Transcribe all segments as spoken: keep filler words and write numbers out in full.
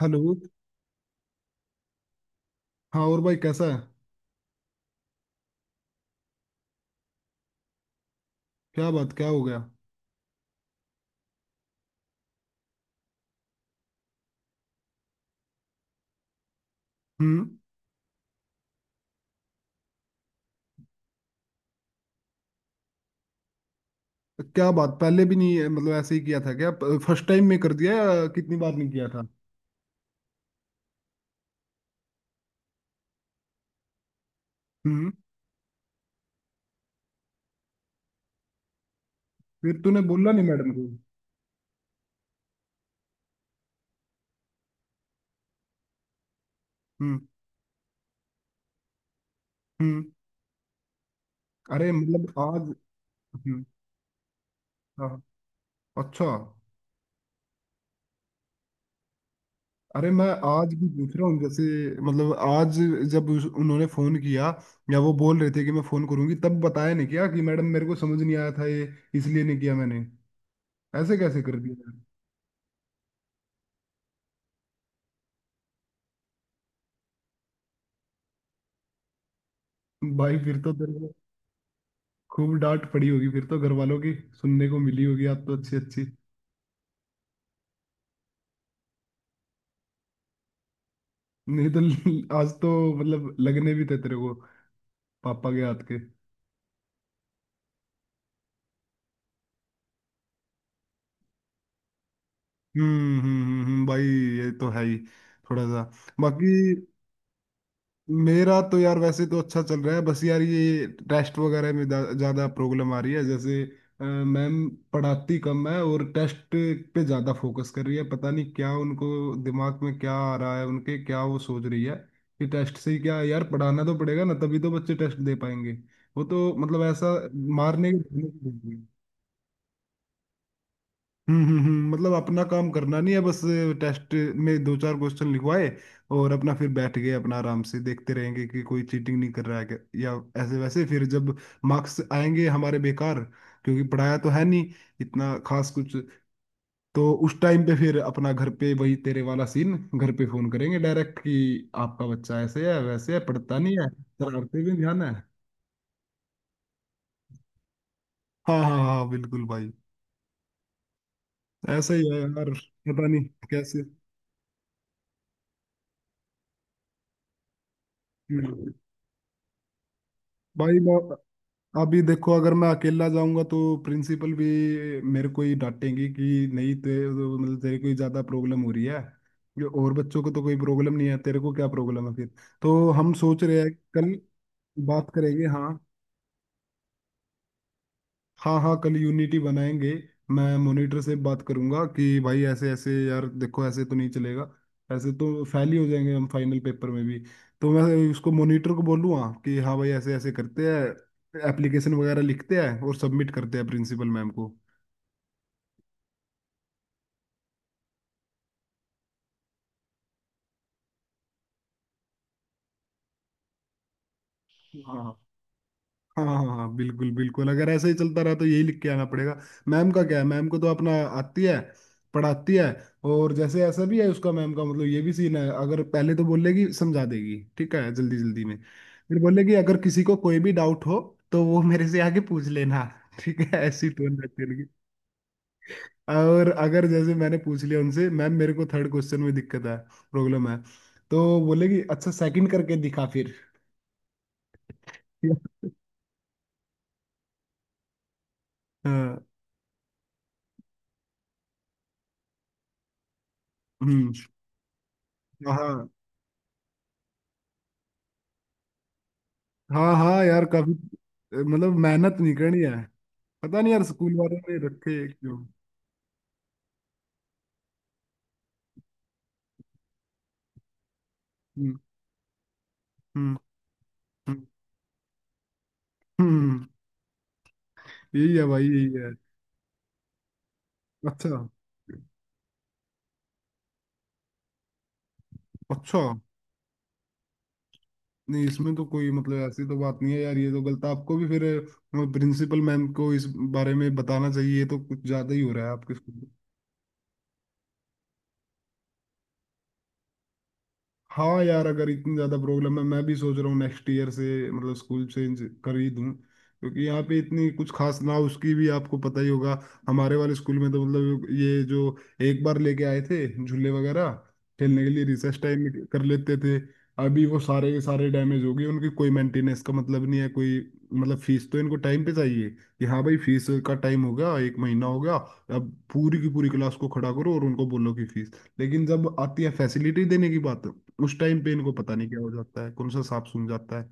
Hello. हाँ और भाई कैसा है? क्या बात, क्या हो गया? हम्म। क्या बात, पहले भी नहीं, मतलब ऐसे ही किया था क्या? फर्स्ट टाइम में कर दिया या कितनी बार नहीं किया था? हम्म। फिर तूने बोला नहीं मैडम को? हम्म। हम्म। अरे मतलब आज। हम्म। हाँ। अच्छा। अरे मैं आज भी पूछ रहा हूँ, जैसे मतलब आज, जब उस- उन्होंने फोन किया या वो बोल रहे थे कि मैं फोन करूंगी, तब बताया नहीं क्या कि मैडम मेरे को समझ नहीं आया था, ये इसलिए नहीं किया मैंने। ऐसे कैसे कर दिया यार? भाई फिर तो तेरे को खूब डांट पड़ी होगी, फिर तो घर वालों की सुनने को मिली होगी आप तो अच्छी अच्छी। नहीं तो ल- आज तो मतलब लगने भी थे तेरे को पापा के हाथ के। हम्म हम्म हम्म हम्म, भाई ये तो है ही, थोड़ा सा बाकी। मेरा तो यार वैसे तो अच्छा चल रहा है, बस यार ये टेस्ट वगैरह में जा- ज्यादा प्रॉब्लम आ रही है, जैसे अ, मैम पढ़ाती कम है और टेस्ट पे ज्यादा फोकस कर रही है। पता नहीं क्या उनको दिमाग में क्या आ रहा है उनके, क्या वो सोच रही है कि टेस्ट से ही क्या है? यार पढ़ाना तो पड़ेगा ना, तभी तो बच्चे टेस्ट दे पाएंगे। वो तो मतलब ऐसा मारने की। हम्म हम्म हम्म, मतलब अपना काम करना नहीं है बस। टेस्ट में दो चार क्वेश्चन लिखवाए और अपना फिर बैठ गए, अपना आराम से देखते रहेंगे कि कोई चीटिंग नहीं कर रहा है क्या या ऐसे वैसे। फिर जब मार्क्स आएंगे हमारे बेकार, क्योंकि पढ़ाया तो है नहीं इतना खास कुछ, तो उस टाइम पे फिर अपना घर पे वही तेरे वाला सीन, घर पे फोन करेंगे डायरेक्ट कि आपका बच्चा ऐसे है वैसे है, पढ़ता नहीं है, शरारते भी ध्यान है। हाँ हाँ हाँ बिल्कुल भाई, ऐसा ही है यार। पता नहीं कैसे। हम्म। भाई मैं अभी देखो, अगर मैं अकेला जाऊंगा तो प्रिंसिपल भी मेरे को ही डांटेंगी कि नहीं ते, तो मतलब तेरे को ही ज्यादा प्रॉब्लम हो रही है ये, और बच्चों को तो कोई प्रॉब्लम नहीं है, तेरे को क्या प्रॉब्लम है फिर। तो हम सोच रहे हैं कल बात करेंगे। हाँ। हाँ हाँ कल यूनिटी बनाएंगे। मैं मॉनिटर से बात करूंगा कि भाई ऐसे ऐसे यार देखो, ऐसे तो नहीं चलेगा, ऐसे तो फेल ही हो जाएंगे हम फाइनल पेपर में भी। तो मैं उसको, मॉनिटर को बोलूँगा कि हाँ भाई ऐसे ऐसे करते हैं, एप्लीकेशन वगैरह लिखते हैं और सबमिट करते हैं प्रिंसिपल मैम को। हाँ। हाँ हाँ हाँ, बिल्कुल बिल्कुल, अगर ऐसे ही चलता रहा तो यही लिख के आना पड़ेगा। मैम का क्या है, मैम को तो अपना आती है, पढ़ाती है। और जैसे ऐसा भी है उसका, मैम का मतलब ये भी सीन है, अगर पहले तो बोलेगी समझा देगी, ठीक है जल्दी जल्दी में। फिर बोलेगी अगर किसी को कोई भी डाउट हो तो वो मेरे से आगे पूछ लेना। ठीक है, ऐसी टोन रख करके। और अगर जैसे मैंने पूछ लिया उनसे, मैम मेरे को थर्ड क्वेश्चन में दिक्कत है, प्रॉब्लम है, तो बोलेगी अच्छा सेकंड करके दिखा फिर। हाँ। हम्म। हाँ हाँ हाँ यार काफी, मतलब मेहनत नहीं करनी है। पता नहीं यार स्कूल वालों ने रखे हैं क्यों। हम्म हम्म हम्म हम्म, यही है भाई यही है। अच्छा। अच्छा। नहीं इसमें तो कोई मतलब ऐसी तो बात नहीं है यार, ये तो गलत। आपको भी फिर प्रिंसिपल मैम को इस बारे में बताना चाहिए, ये तो कुछ ज्यादा ही हो रहा है आपके स्कूल। हाँ यार अगर इतनी ज्यादा प्रॉब्लम है, मैं भी सोच रहा हूँ नेक्स्ट ईयर से मतलब स्कूल चेंज कर ही दूँ, क्योंकि यहाँ पे इतनी कुछ खास ना, उसकी भी आपको पता ही होगा। हमारे वाले स्कूल में तो मतलब ये जो एक बार लेके आए थे झूले वगैरह खेलने के लिए, रिसेस टाइम में कर लेते थे, अभी वो सारे के सारे डैमेज हो गए, उनकी कोई मेंटेनेंस का मतलब नहीं है कोई। मतलब फीस तो इनको टाइम पे चाहिए, कि हाँ भाई फीस का टाइम होगा, एक महीना होगा, अब पूरी की पूरी क्लास को खड़ा करो और उनको बोलो कि फीस। लेकिन जब आती है फैसिलिटी देने की बात, उस टाइम पे इनको पता नहीं क्या हो जाता है, कौन सा सांप सूंघ जाता है।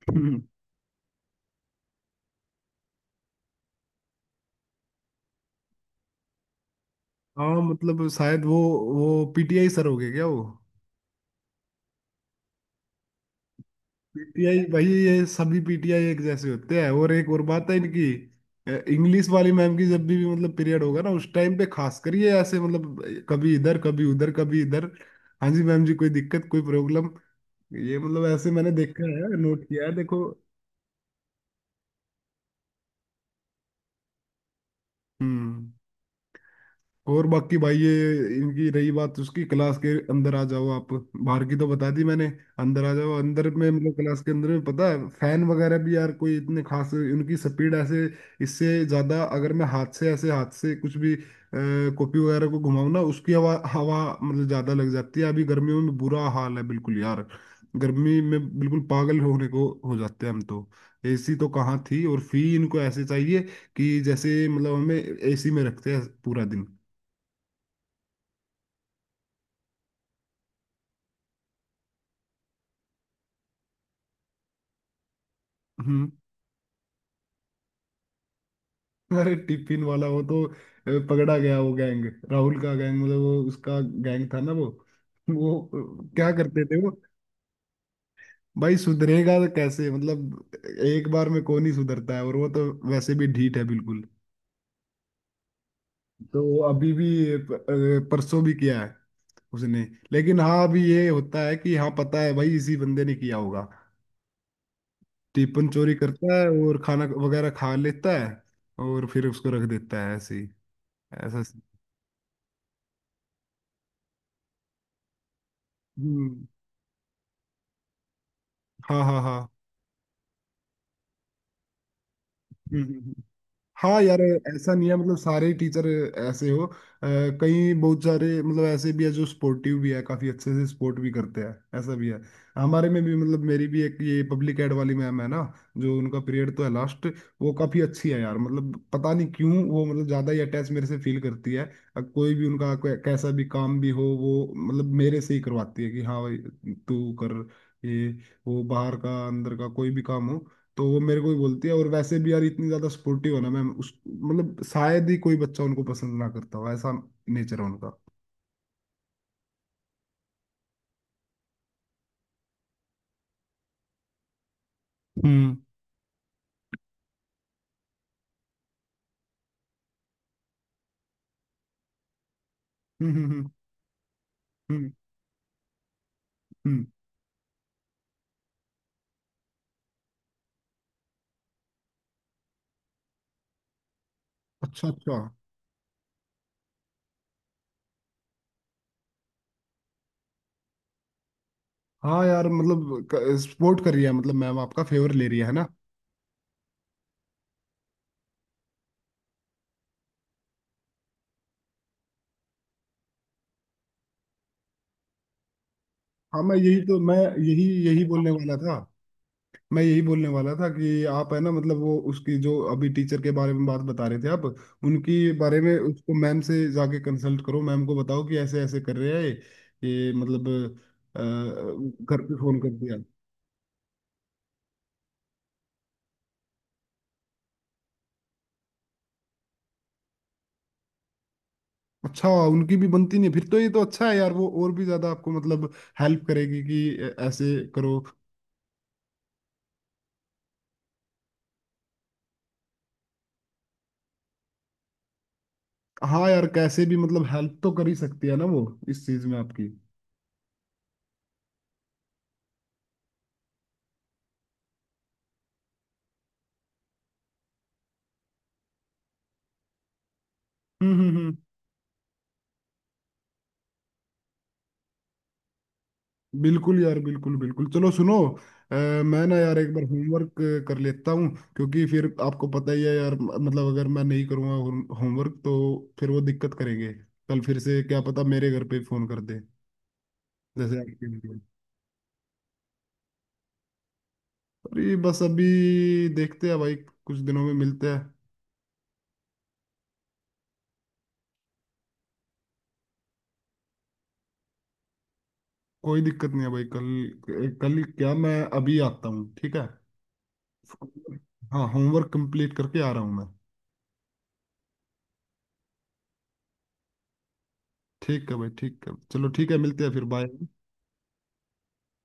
हाँ मतलब शायद वो वो पीटीआई सर हो गए क्या वो? पीटीआई भाई, ये सभी पीटीआई एक जैसे होते हैं। और एक और बात है इनकी, इंग्लिश वाली मैम की, जब भी भी मतलब पीरियड होगा ना उस टाइम पे, खास करिए ऐसे, मतलब कभी इधर कभी उधर कभी इधर, हाँ जी मैम जी, कोई दिक्कत कोई प्रॉब्लम, ये मतलब ऐसे। मैंने देखा है, नोट किया है देखो। हम्म। और बाकी भाई ये इनकी रही बात, उसकी क्लास के अंदर आ जाओ, आप बाहर की तो बता दी मैंने, अंदर आ जाओ, अंदर में मतलब क्लास के अंदर में पता है फैन वगैरह भी यार कोई इतने खास, उनकी स्पीड ऐसे, इससे ज्यादा अगर मैं हाथ से ऐसे, हाथ से कुछ भी कॉपी वगैरह को घुमाऊं ना उसकी हवा, हवा मतलब ज्यादा लग जाती है। अभी गर्मियों में बुरा हाल है बिल्कुल यार, गर्मी में बिल्कुल पागल होने को हो जाते हैं हम तो। एसी तो कहाँ थी, और फी इनको ऐसे चाहिए कि जैसे मतलब हमें एसी में रखते हैं पूरा दिन। हम्म। अरे टिफिन वाला वो तो अ, पकड़ा गया वो गैंग, राहुल का गैंग, मतलब वो उसका गैंग था ना वो। वो अ, क्या करते थे वो। भाई सुधरेगा तो कैसे, मतलब एक बार में कौन ही सुधरता है, और वो तो वैसे भी ढीठ है बिल्कुल। तो वो अभी भी प- अ, परसों भी किया है उसने। लेकिन हाँ अभी ये होता है कि हाँ पता है भाई इसी बंदे ने किया होगा, टिफिन चोरी करता है और खाना वगैरह खा लेता है, और फिर उसको रख देता है ऐसे ही, ऐसा। हम्म। हाँ हाँ हाँ। हम्म, हम्म, हम्म। हाँ यार ऐसा नहीं है, मतलब सारे टीचर ऐसे हो। अ, कई बहुत सारे मतलब ऐसे भी है जो स्पोर्टिव भी है, काफी अच्छे से स्पोर्ट भी करते हैं, ऐसा भी है। हमारे में भी, मतलब मेरी भी एक ये पब्लिक एड वाली मैम है ना, जो उनका पीरियड तो है लास्ट, वो काफी अच्छी है यार। मतलब पता नहीं क्यों वो मतलब ज्यादा ही अटैच मेरे से फील करती है। अ, कोई भी उनका कै- कैसा भी काम भी हो, वो मतलब मेरे से ही करवाती है कि हाँ भाई तू कर ये, वो बाहर का अंदर का कोई भी काम हो तो वो मेरे को ही बोलती है। और वैसे भी यार इतनी ज्यादा सपोर्टिव है ना मैम, उस मतलब शायद ही कोई बच्चा उनको पसंद ना करता हो, ऐसा नेचर है उनका। हम्म हम्म हम्म हम्म हम्म, हम्म। अच्छा अच्छा। हाँ यार मतलब सपोर्ट कर रही है, मतलब मैम आपका फेवर ले रही है है ना। हाँ मैं यही तो मैं यही यही बोलने वाला था। मैं यही बोलने वाला था कि आप है ना, मतलब वो उसकी जो अभी टीचर के बारे में बात बता रहे थे आप, उनकी बारे में उसको मैम से जाके कंसल्ट करो, मैम को बताओ कि ऐसे ऐसे कर रहे हैं, ये ये मतलब अ, घर पे फोन कर दिया। अच्छा उनकी भी बनती नहीं फिर तो, ये तो अच्छा है यार, वो और भी ज्यादा आपको मतलब हेल्प करेगी कि ऐ- ऐसे करो। हाँ यार कैसे भी मतलब हेल्प तो कर ही सकती है ना वो इस चीज में आपकी। हम्म हम्म हम्म। बिल्कुल यार बिल्कुल बिल्कुल। चलो सुनो, अ, मैं ना यार एक बार होमवर्क कर लेता हूँ, क्योंकि फिर आपको पता ही है यार म- मतलब अगर मैं नहीं करूँगा होमवर्क तो फिर वो दिक्कत करेंगे, कल फिर से क्या पता मेरे घर पे ही फोन कर दे जैसे आपके लिए। अरे बस अभी देखते हैं भाई, कुछ दिनों में मिलते हैं। कोई दिक्कत नहीं है भाई, कल कल क्या, मैं अभी आता हूँ ठीक है। हाँ होमवर्क कंप्लीट करके आ रहा हूँ मैं। ठीक है भाई ठीक है चलो, ठीक है मिलते हैं फिर, बाय।